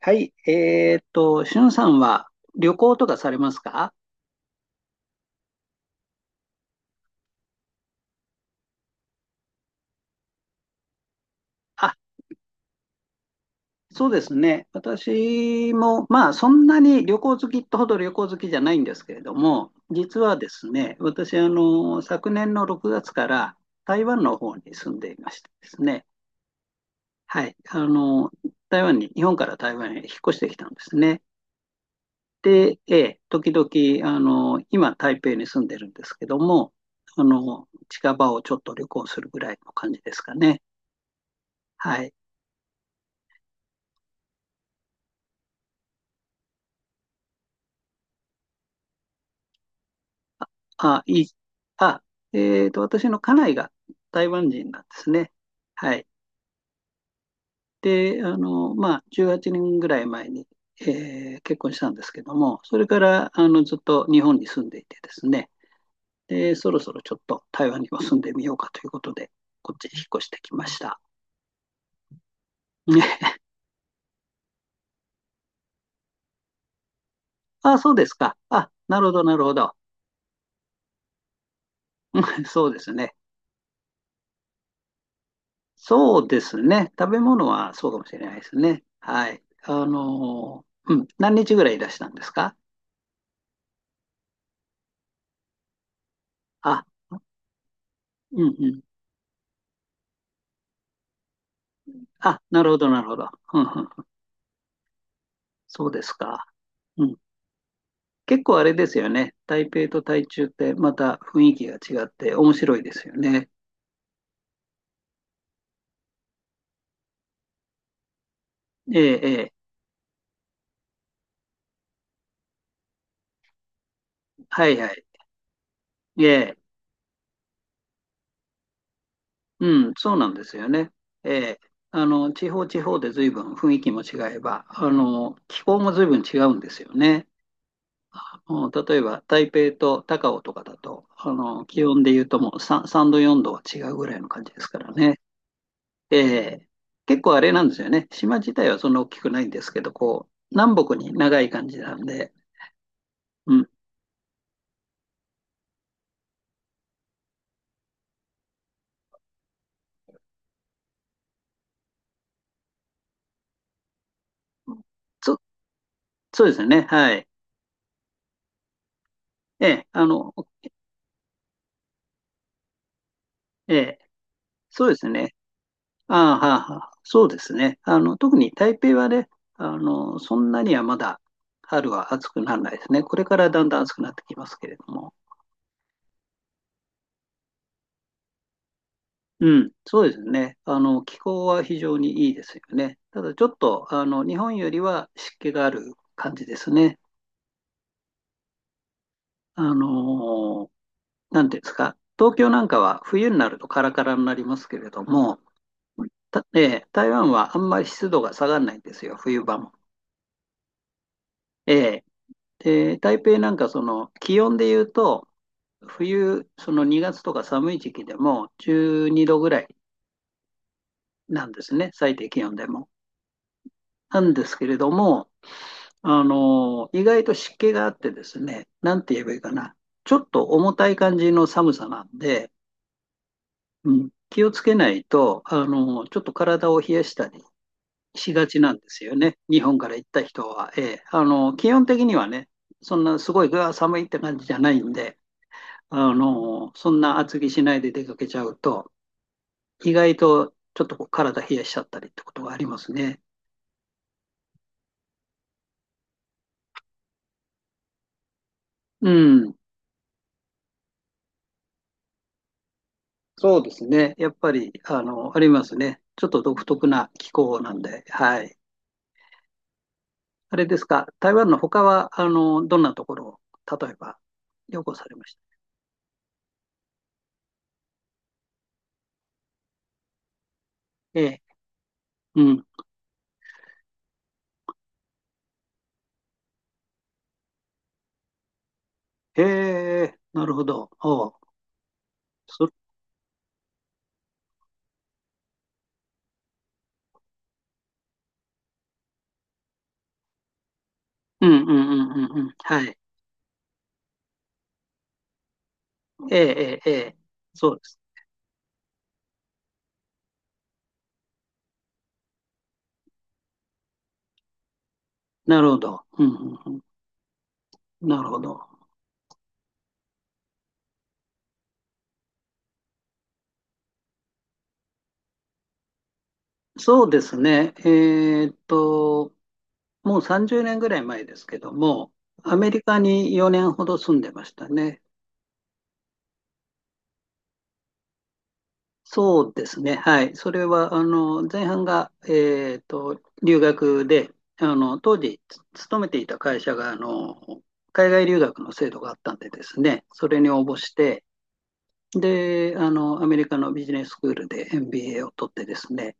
はい、しゅんさんは旅行とかされますか？あ、そうですね。私も、まあ、そんなに旅行好きってほど旅行好きじゃないんですけれども、実はですね、私、昨年の6月から台湾の方に住んでいましてですね、はい、台湾に、日本から台湾へ引っ越してきたんですね。で、ええ、時々、今、台北に住んでるんですけども、近場をちょっと旅行するぐらいの感じですかね。はい。あ、いい。あ、私の家内が台湾人なんですね。はい。で、まあ、18年ぐらい前に、結婚したんですけども、それから、ずっと日本に住んでいてですね、で、そろそろちょっと台湾にも住んでみようかということで、こっちに引っ越してきました。ね。あ、そうですか。あ、なるほど、なるほど。うん、そうですね。そうですね。食べ物はそうかもしれないですね。はい。うん、何日ぐらいいらしたんですか？あ、うんうん。あ、なるほど、なるほど。うんうん、そうですか。うん。結構あれですよね。台北と台中ってまた雰囲気が違って面白いですよね。ええ、ええ。はいはい。ええ。うん、そうなんですよね。ええ。地方地方で随分雰囲気も違えば、気候も随分違うんですよね。うん、例えば台北と高雄とかだと、気温で言うともう 3, 3度4度は違うぐらいの感じですからね。ええ、結構あれなんですよね。島自体はそんな大きくないんですけど、こう、南北に長い感じなんで、うん。そ、そうですね。はい。ええ、ええ、そうですね。ああ、はあはあ、そうですね。特に台北はね、そんなにはまだ春は暑くならないですね。これからだんだん暑くなってきますけれども。うん、そうですね。気候は非常にいいですよね。ただちょっと、日本よりは湿気がある感じですね。あのなんていうんですか、東京なんかは冬になるとカラカラになりますけれども、たえー台湾はあんまり湿度が下がらないんですよ、冬場も。えーで、台北なんかその気温で言うと、冬、その2月とか寒い時期でも12度ぐらいなんですね、最低気温でも。なんですけれども、意外と湿気があってですね、なんて言えばいいかな、ちょっと重たい感じの寒さなんで、うん、気をつけないと、ちょっと体を冷やしたりしがちなんですよね、日本から行った人は。基本的にはね、そんなすごい寒いって感じじゃないんで、そんな厚着しないで出かけちゃうと、意外とちょっとこう体冷やしちゃったりってことがありますね。うん、そうですね、やっぱりありますね、ちょっと独特な気候なんで、はい。あれですか、台湾の他はどんなところを、例えば旅行されました？ええ、うん、へえ、なるほど。おうそうんうんうんうんうん。はい。ええ、ええ、ええ。そうです。なるほど。うんうんうん。なるほど。そうですね。ーっと、もう30年ぐらい前ですけども、アメリカに4年ほど住んでましたね。そうですね。はい。それは、前半が、留学で、当時、勤めていた会社が、海外留学の制度があったんでですね、それに応募して、で、アメリカのビジネススクールで MBA を取ってですね、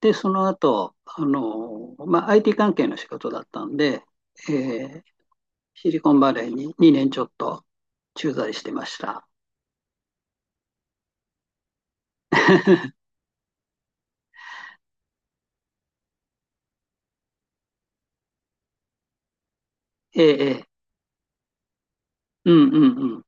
で、その後、まあ、IT 関係の仕事だったんで、えーシリコンバレーに2年ちょっと駐在してました。ええ、ええ、うんうんうん。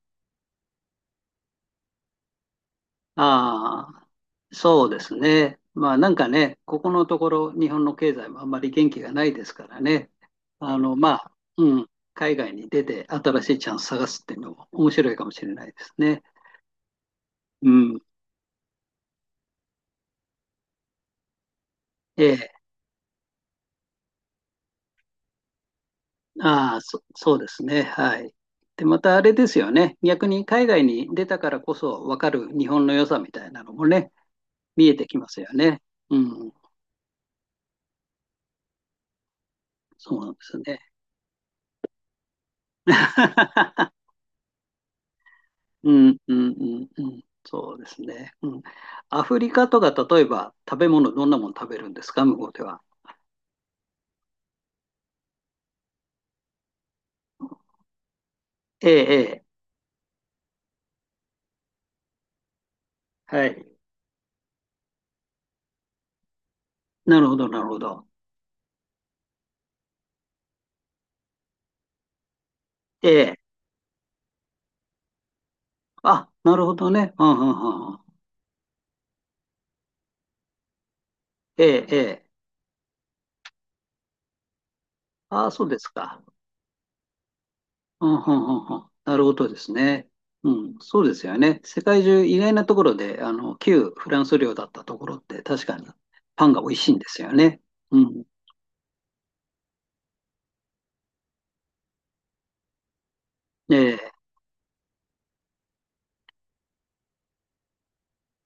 ああ、そうですね。まあなんかね、ここのところ日本の経済もあんまり元気がないですからね。まあ、うん、海外に出て新しいチャンス探すっていうのも面白いかもしれないですね。うん。ええ、ああ、そうですね。はい。で、またあれですよね。逆に海外に出たからこそ分かる日本の良さみたいなのもね、見えてきますよね。うん、そうなんですね。うん、うん、うん、うん。そうですね。うん。アフリカとか、例えば食べ物、どんなもの食べるんですか、向こうでは？ええ、ええ。はい。なるほど、なるほど。ええ。あ、なるほどね。うん、うん、うんうん。ええ、ええ。ああ、そうですか。あはんはんはん、なるほどですね。うん、そうですよね。世界中意外なところで、旧フランス領だったところって確かにパンが美味しいんですよね。うん。で、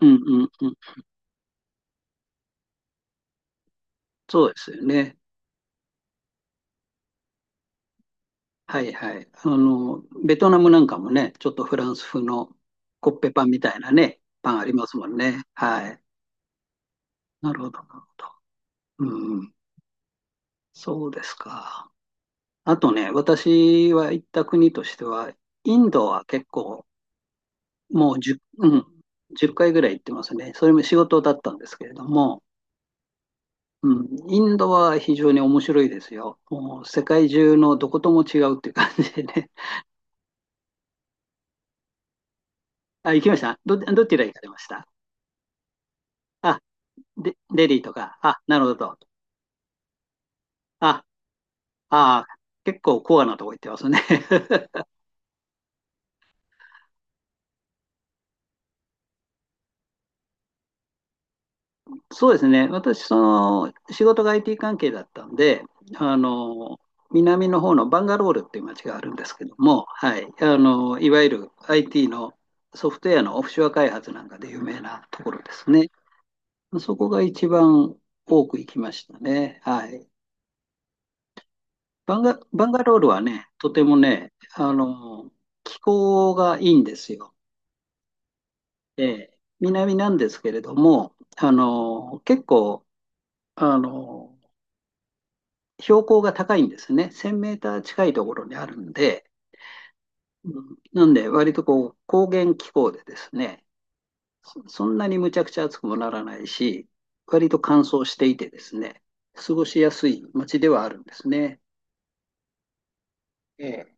うんうんうん。そうですよね。はいはい。ベトナムなんかもね、ちょっとフランス風のコッペパンみたいなね、パンありますもんね。はい。なるほど、なるほど。うんうん。そうですか。あとね、私は行った国としては、インドは結構もう10、うん、1回ぐらい行ってますね。それも仕事だったんですけれども、うん、インドは非常に面白いですよ。もう世界中のどことも違うっていう感じでね。あ、行きました、どちら行かれました？あ、で、デリーとか、あ、なるほど。あ、あ、結構コアなとこ行ってますね。そうですね、私、その仕事が IT 関係だったんで、あの南の方のバンガロールっていう街があるんですけども、はい、いわゆる IT のソフトウェアのオフショア開発なんかで有名なところですね。そこが一番多く行きましたね。はい、バンガロールはね、とてもね、気候がいいんですよ。ええ、南なんですけれども、結構あの標高が高いんですね。1000メーター近いところにあるんで、うん、なんで割とこう高原気候でですね、そんなにむちゃくちゃ暑くもならないし、割と乾燥していてですね、過ごしやすい街ではあるんですね。ええ。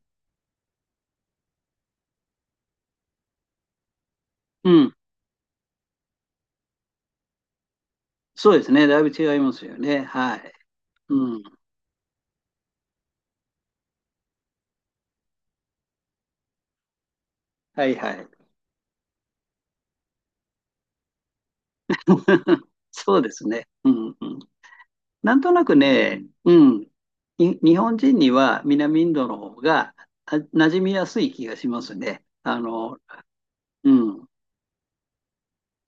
うん、そうですね。だいぶ違いますよね。はい。うん、はいはい。そうですね。うんうん。なんとなくね、うん、日本人には南インドの方が馴染みやすい気がしますね。うん。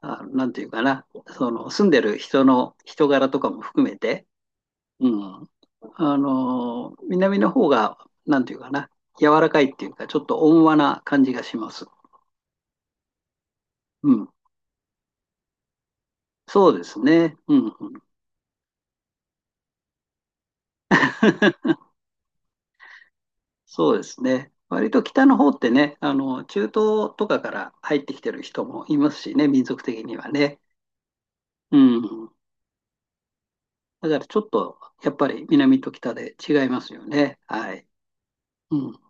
あ、なんていうかな。その、住んでる人の人柄とかも含めて、うん。南の方が、なんていうかな。柔らかいっていうか、ちょっと温和な感じがします。うん。そうですね。うん、うん。そうですね。割と北の方ってね、中東とかから入ってきてる人もいますしね、民族的にはね。うん。だからちょっと、やっぱり南と北で違いますよね。はい。うん。